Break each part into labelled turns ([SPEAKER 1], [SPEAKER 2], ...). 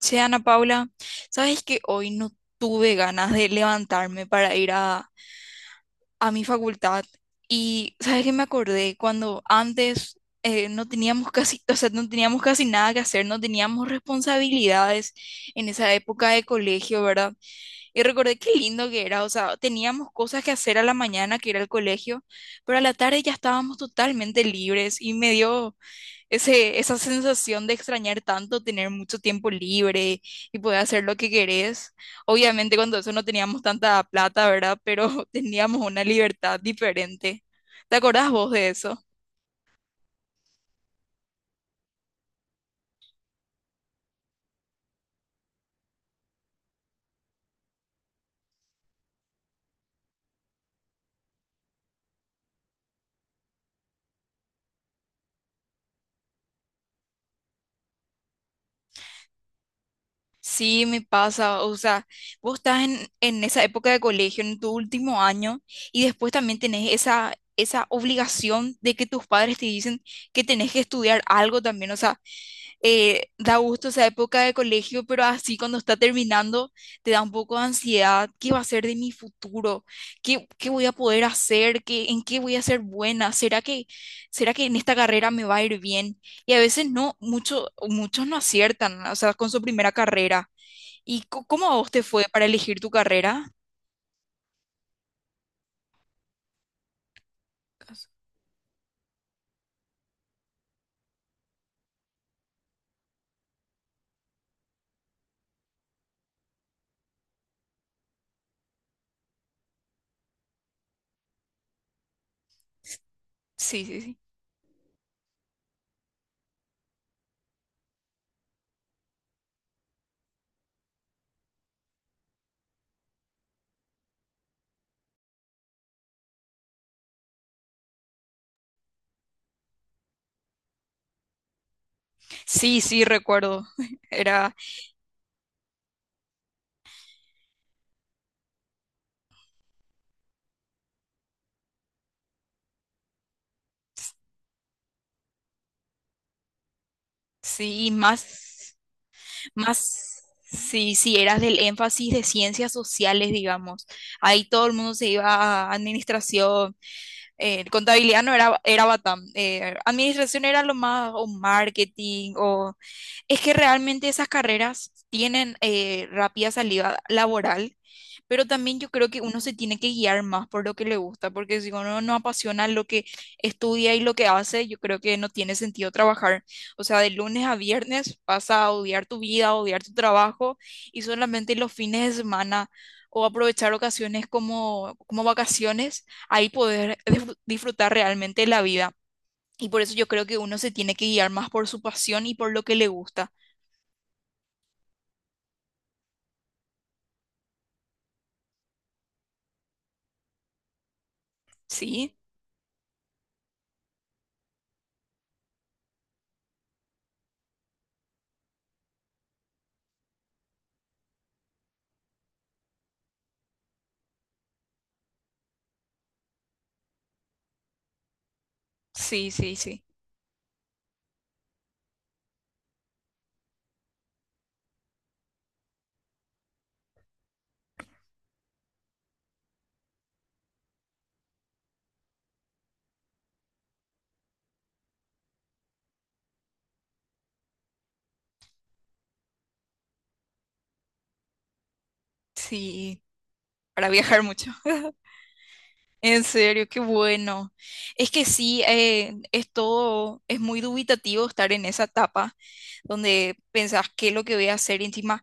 [SPEAKER 1] Che, Ana Paula, ¿sabes que hoy no tuve ganas de levantarme para ir a mi facultad? Y ¿sabes que me acordé? Cuando antes no teníamos casi, o sea, no teníamos casi nada que hacer, no teníamos responsabilidades en esa época de colegio, ¿verdad? Y recordé qué lindo que era, o sea, teníamos cosas que hacer a la mañana, que era el colegio, pero a la tarde ya estábamos totalmente libres y me dio esa sensación de extrañar tanto tener mucho tiempo libre y poder hacer lo que querés. Obviamente cuando eso no teníamos tanta plata, ¿verdad? Pero teníamos una libertad diferente. ¿Te acordás vos de eso? Sí, me pasa, o sea, vos estás en esa época de colegio, en tu último año, y después también tenés esa obligación de que tus padres te dicen que tenés que estudiar algo también, o sea, da gusto esa época de colegio, pero así cuando está terminando te da un poco de ansiedad. ¿Qué va a ser de mi futuro? ¿ qué voy a poder hacer? ¿ en qué voy a ser buena? ¿ será que en esta carrera me va a ir bien? Y a veces no, mucho, muchos no aciertan, o sea, con su primera carrera. ¿Y cómo a vos te fue para elegir tu carrera? Sí, sí, sí. Sí, sí, recuerdo. Era, sí, y más, más, sí, sí, eras del énfasis de ciencias sociales, digamos. Ahí todo el mundo se iba a administración, contabilidad no era, era Batam, administración era lo más, o marketing, o es que realmente esas carreras tienen rápida salida laboral, pero también yo creo que uno se tiene que guiar más por lo que le gusta, porque si uno no apasiona lo que estudia y lo que hace, yo creo que no tiene sentido trabajar. O sea, de lunes a viernes vas a odiar tu vida, a odiar tu trabajo y solamente los fines de semana o aprovechar ocasiones como, como vacaciones ahí poder disfrutar realmente la vida. Y por eso yo creo que uno se tiene que guiar más por su pasión y por lo que le gusta. Sí, sí, sí, sí, sí, para viajar mucho. En serio, qué bueno. Es que sí, es todo, es muy dubitativo estar en esa etapa donde pensás qué es lo que voy a hacer y encima.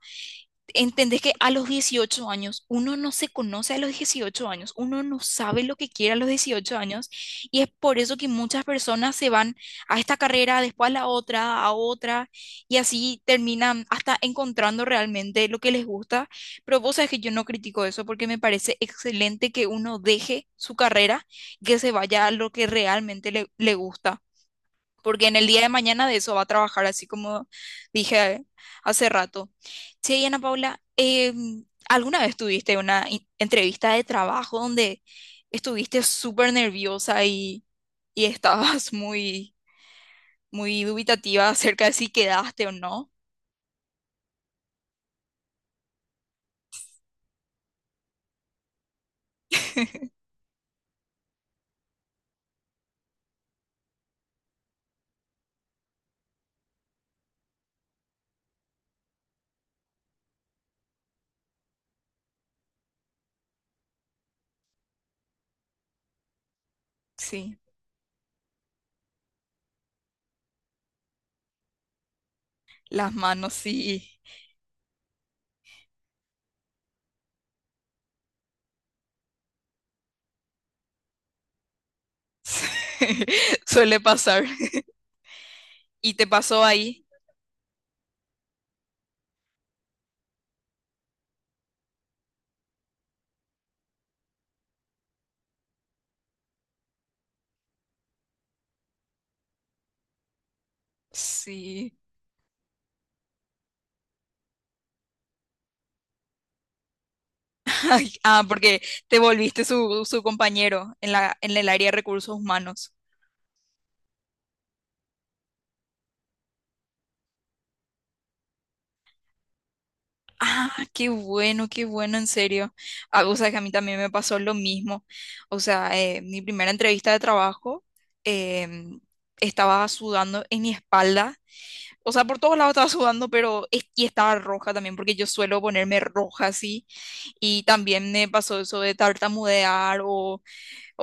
[SPEAKER 1] Entendés que a los 18 años uno no se conoce a los 18 años, uno no sabe lo que quiere a los 18 años y es por eso que muchas personas se van a esta carrera, después a la otra, a otra y así terminan hasta encontrando realmente lo que les gusta, pero vos sabés que yo no critico eso porque me parece excelente que uno deje su carrera y que se vaya a lo que realmente le gusta. Porque en el día de mañana de eso va a trabajar, así como dije hace rato. Sí, Ana Paula, ¿alguna vez tuviste una entrevista de trabajo donde estuviste súper nerviosa y estabas muy, muy dubitativa acerca de si quedaste o no? Sí, las manos sí. Suele pasar. Y te pasó ahí. Sí. Ay, ah, porque te volviste su compañero en en el área de recursos humanos. Ah, qué bueno, en serio. Ah, o sea, que a mí también me pasó lo mismo. O sea, mi primera entrevista de trabajo em, estaba sudando en mi espalda. O sea, por todos lados estaba sudando, pero y estaba roja también, porque yo suelo ponerme roja así. Y también me pasó eso de tartamudear o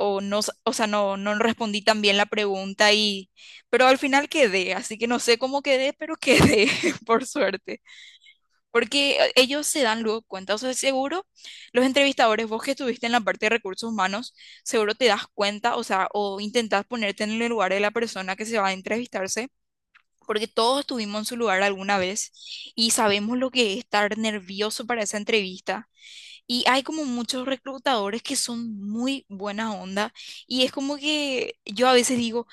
[SPEAKER 1] o no, o sea, no, no respondí tan bien la pregunta y, pero al final quedé, así que no sé cómo quedé, pero quedé, por suerte, porque ellos se dan luego cuenta, o sea, seguro los entrevistadores, vos que estuviste en la parte de recursos humanos, seguro te das cuenta, o sea, o intentás ponerte en el lugar de la persona que se va a entrevistarse. Porque todos estuvimos en su lugar alguna vez y sabemos lo que es estar nervioso para esa entrevista, y hay como muchos reclutadores que son muy buena onda, y es como que yo a veces digo,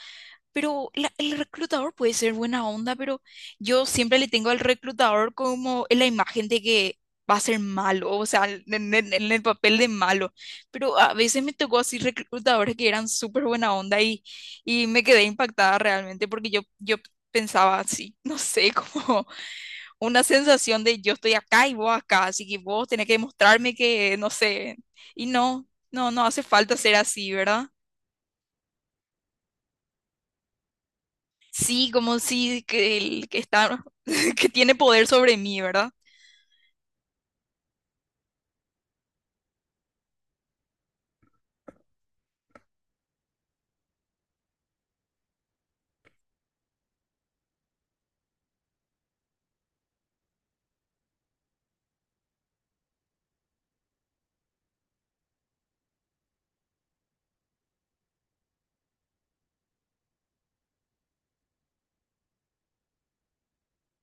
[SPEAKER 1] pero el reclutador puede ser buena onda, pero yo siempre le tengo al reclutador como en la imagen de que va a ser malo, o sea, en, en el papel de malo. Pero a veces me tocó así reclutadores que eran súper buena onda y me quedé impactada realmente porque yo pensaba así, no sé cómo una sensación de yo estoy acá y vos acá, así que vos tenés que demostrarme que, no sé, y no, no, no hace falta ser así, ¿verdad? Sí, como si que el que está, que tiene poder sobre mí, ¿verdad?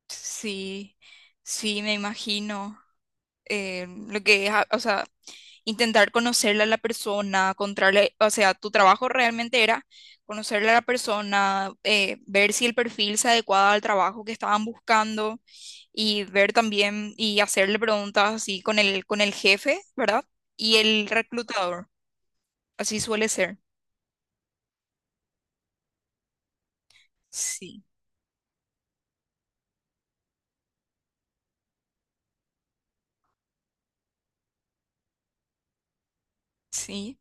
[SPEAKER 1] Sí, sí, me imagino. Eh, lo que es, o sea, intentar conocerle a la persona, encontrarle, o sea, tu trabajo realmente era conocerle a la persona, ver si el perfil se adecuaba al trabajo que estaban buscando y ver también y hacerle preguntas así con el jefe, ¿verdad? Y el reclutador, así suele ser. Sí, sí,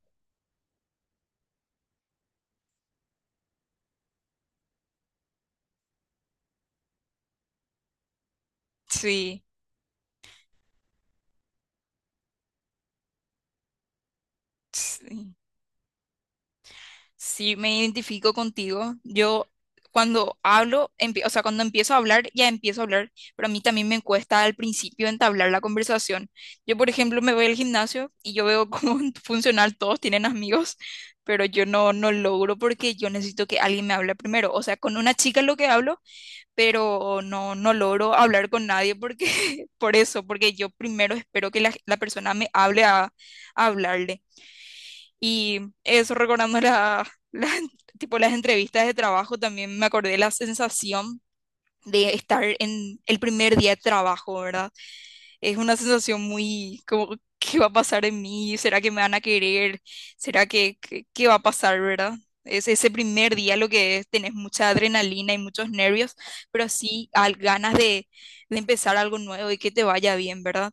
[SPEAKER 1] sí, sí. Sí, me identifico contigo. Yo cuando hablo, o sea, cuando empiezo a hablar, ya empiezo a hablar, pero a mí también me cuesta al principio entablar la conversación. Yo, por ejemplo, me voy al gimnasio y yo veo cómo funcional todos tienen amigos, pero yo no, no logro porque yo necesito que alguien me hable primero. O sea, con una chica es lo que hablo, pero no, no logro hablar con nadie porque, por eso, porque yo primero espero que la persona me hable a hablarle. Y eso recordando tipo, las entrevistas de trabajo, también me acordé de la sensación de estar en el primer día de trabajo, ¿verdad? Es una sensación muy como, ¿qué va a pasar en mí? ¿Será que me van a querer? ¿Será que, qué va a pasar, verdad? Es ese primer día lo que es, tenés mucha adrenalina y muchos nervios, pero sí al, ganas de empezar algo nuevo y que te vaya bien, ¿verdad?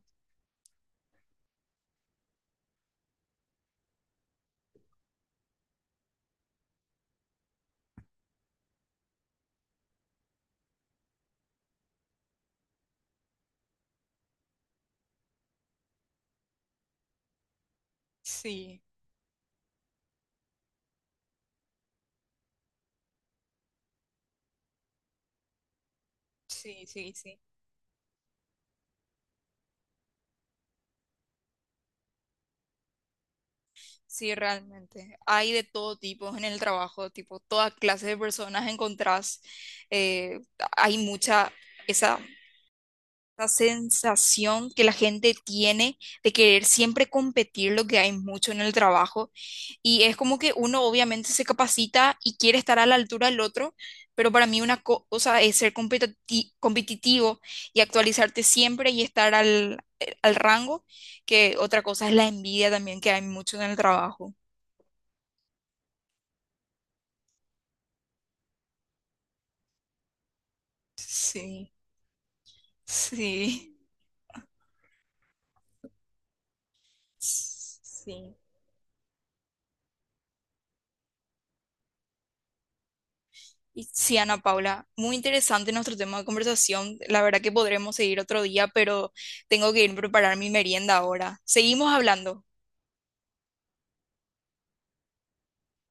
[SPEAKER 1] Sí, sí, sí, sí. Sí, realmente. Hay de todo tipo en el trabajo, tipo, toda clase de personas encontrás. Eh, hay mucha esa, esa sensación que la gente tiene de querer siempre competir, lo que hay mucho en el trabajo. Y es como que uno obviamente se capacita y quiere estar a la altura del otro, pero para mí una cosa es ser competitivo y actualizarte siempre y estar al, al rango, que otra cosa es la envidia también que hay mucho en el trabajo. Sí, sí, sí. Y sí, Ana Paula, muy interesante nuestro tema de conversación. La verdad que podremos seguir otro día, pero tengo que ir a preparar mi merienda ahora. Seguimos hablando.